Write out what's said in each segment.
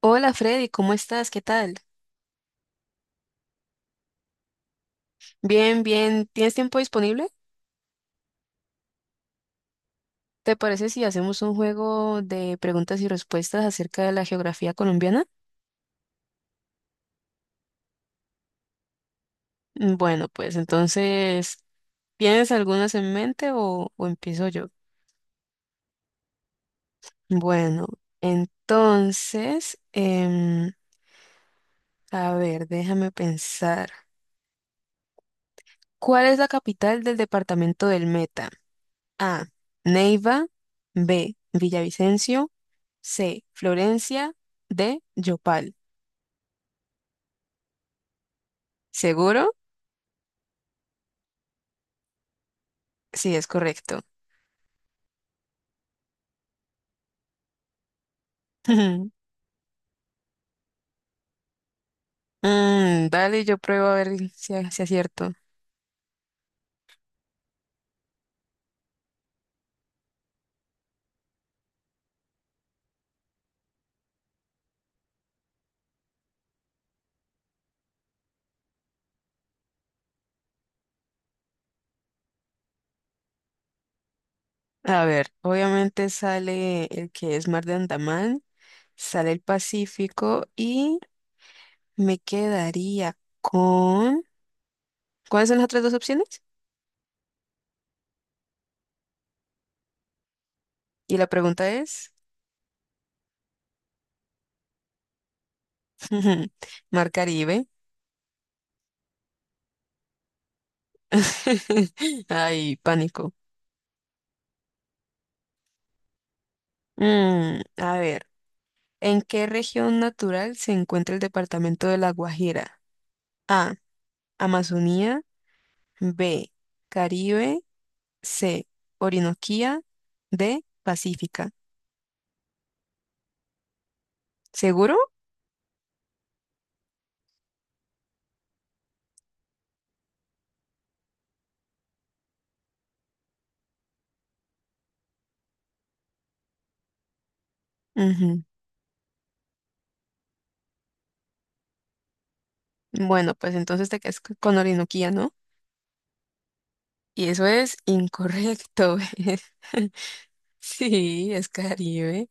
Hola Freddy, ¿cómo estás? ¿Qué tal? Bien, bien. ¿Tienes tiempo disponible? ¿Te parece si hacemos un juego de preguntas y respuestas acerca de la geografía colombiana? Bueno, pues entonces, ¿tienes algunas en mente o empiezo yo? Bueno, entonces, a ver, déjame pensar. ¿Cuál es la capital del departamento del Meta? A. Neiva. B. Villavicencio. C. Florencia. D. Yopal. ¿Seguro? Sí, es correcto. Dale, yo pruebo a ver si acierto. A ver, obviamente sale el que es Mar de Andaman, sale el Pacífico y me quedaría con... ¿Cuáles son las otras dos opciones? Y la pregunta es, Mar Caribe. Ay, pánico. A ver, ¿en qué región natural se encuentra el departamento de La Guajira? A, Amazonía. B, Caribe. C, Orinoquía. D, Pacífica. ¿Seguro? Ujú. Bueno, pues entonces te quedas con Orinoquía, ¿no? Y eso es incorrecto. Sí, es Caribe.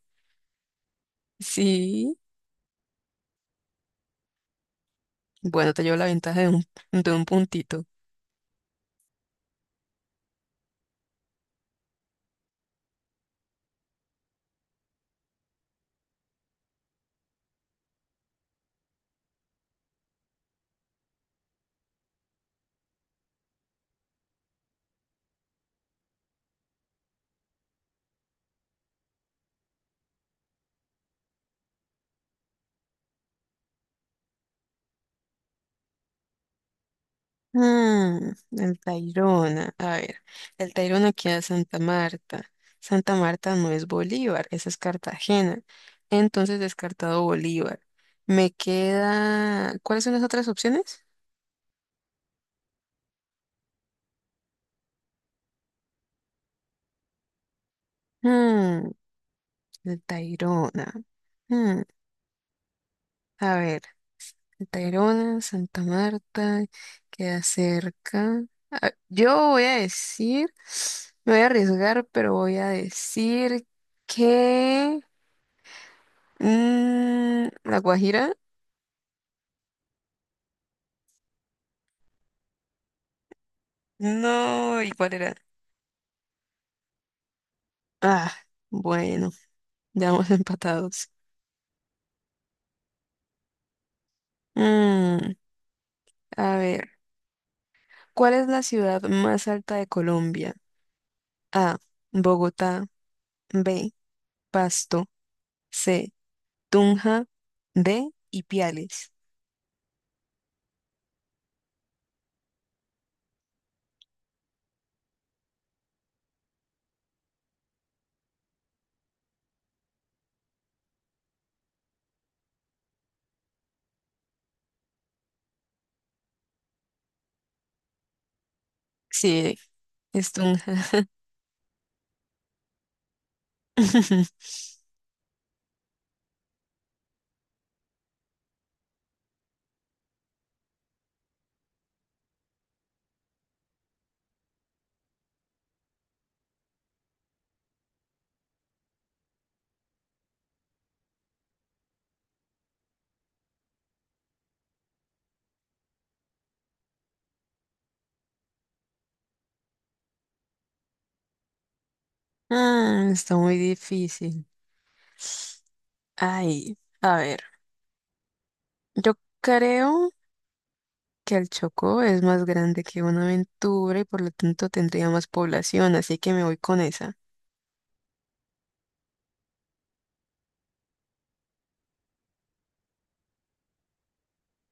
Sí. Bueno, te llevo la ventaja de de un puntito. Ah, el Tayrona. A ver, el Tayrona queda en Santa Marta. Santa Marta no es Bolívar, esa es Cartagena. Entonces descartado Bolívar. Me queda. ¿Cuáles son las otras opciones? Hmm, el Tayrona. Hmm, a ver, el Tayrona, Santa Marta, queda cerca. Ah, yo voy a decir, me voy a arriesgar, pero voy a decir que. ¿La Guajira? No, ¿y cuál era? Ah, bueno, ya vamos empatados. Mm, a ver, ¿cuál es la ciudad más alta de Colombia? A, Bogotá. B, Pasto. C, Tunja. D, Ipiales. Sí, es Tunja. Mm, está muy difícil. Ay, a ver, yo creo. Que el Chocó es más grande que Buenaventura y por lo tanto tendría más población, así que me voy con esa.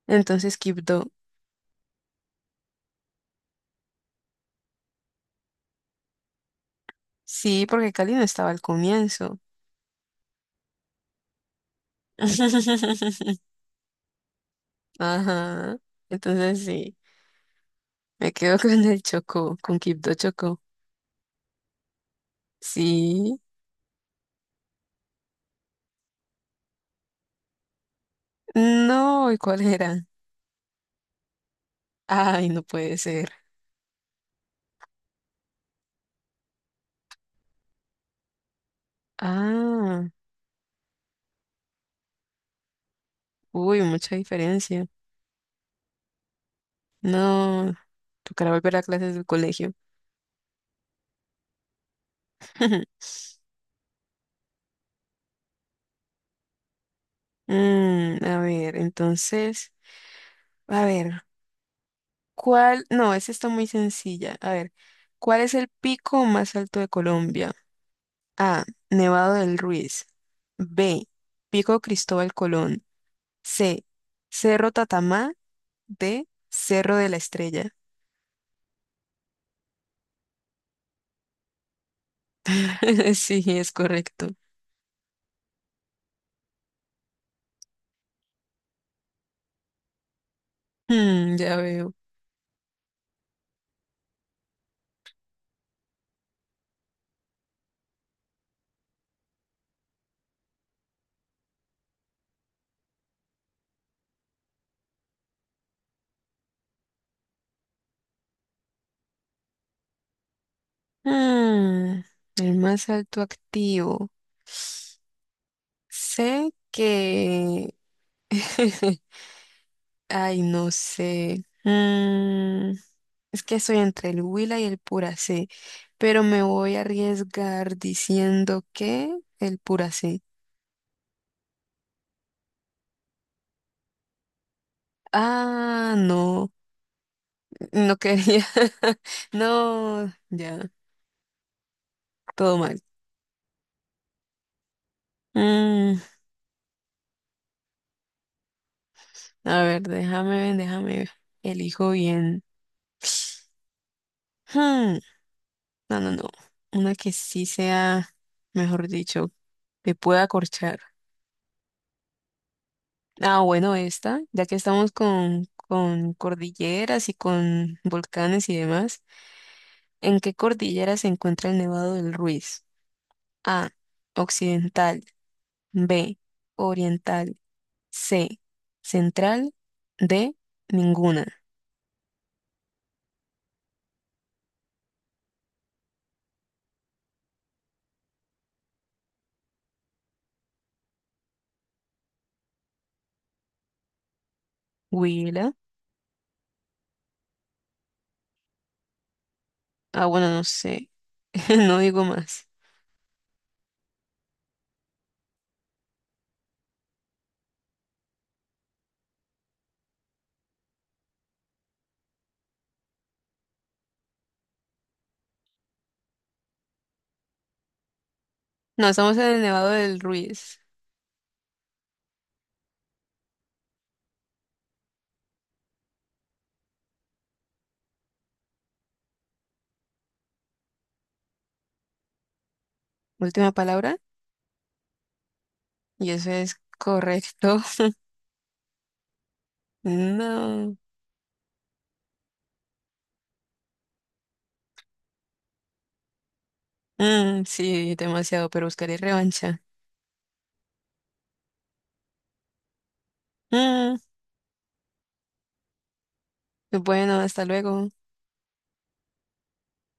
Entonces, Quibdó. Sí, porque Cali no estaba al comienzo. Ajá. Entonces sí, me quedo con el Chocó, con Quibdó Chocó. Sí. No, ¿y cuál era? Ay, no puede ser. Ah, uy, mucha diferencia. No, tocará volver a clases del colegio. A ver, entonces, a ver. ¿Cuál? No, esa está muy sencilla. A ver, ¿cuál es el pico más alto de Colombia? A. Nevado del Ruiz. B. Pico Cristóbal Colón. C. Cerro Tatamá. D. Cerro de la Estrella. Sí, es correcto. Mm, ya veo. Mm, el más alto activo. Sé que... Ay, no sé. Es que soy entre el Huila y el Puracé, pero me voy a arriesgar diciendo que el Puracé. Ah, no, no quería. No, ya, todo mal. Mm, a ver, déjame ver, déjame ver. Elijo bien. Hmm, no, no, no. Una que sí sea, mejor dicho, que pueda acorchar. Ah, bueno, esta, ya que estamos con cordilleras y con volcanes y demás. ¿En qué cordillera se encuentra el Nevado del Ruiz? A. Occidental. B. Oriental. C. Central. D. Ninguna. Huila. Ah, bueno, no sé. No digo más. No, estamos en el Nevado del Ruiz. Última palabra. Y eso es correcto. No. Mm, sí, demasiado, pero buscaré revancha. Mm, bueno, hasta luego.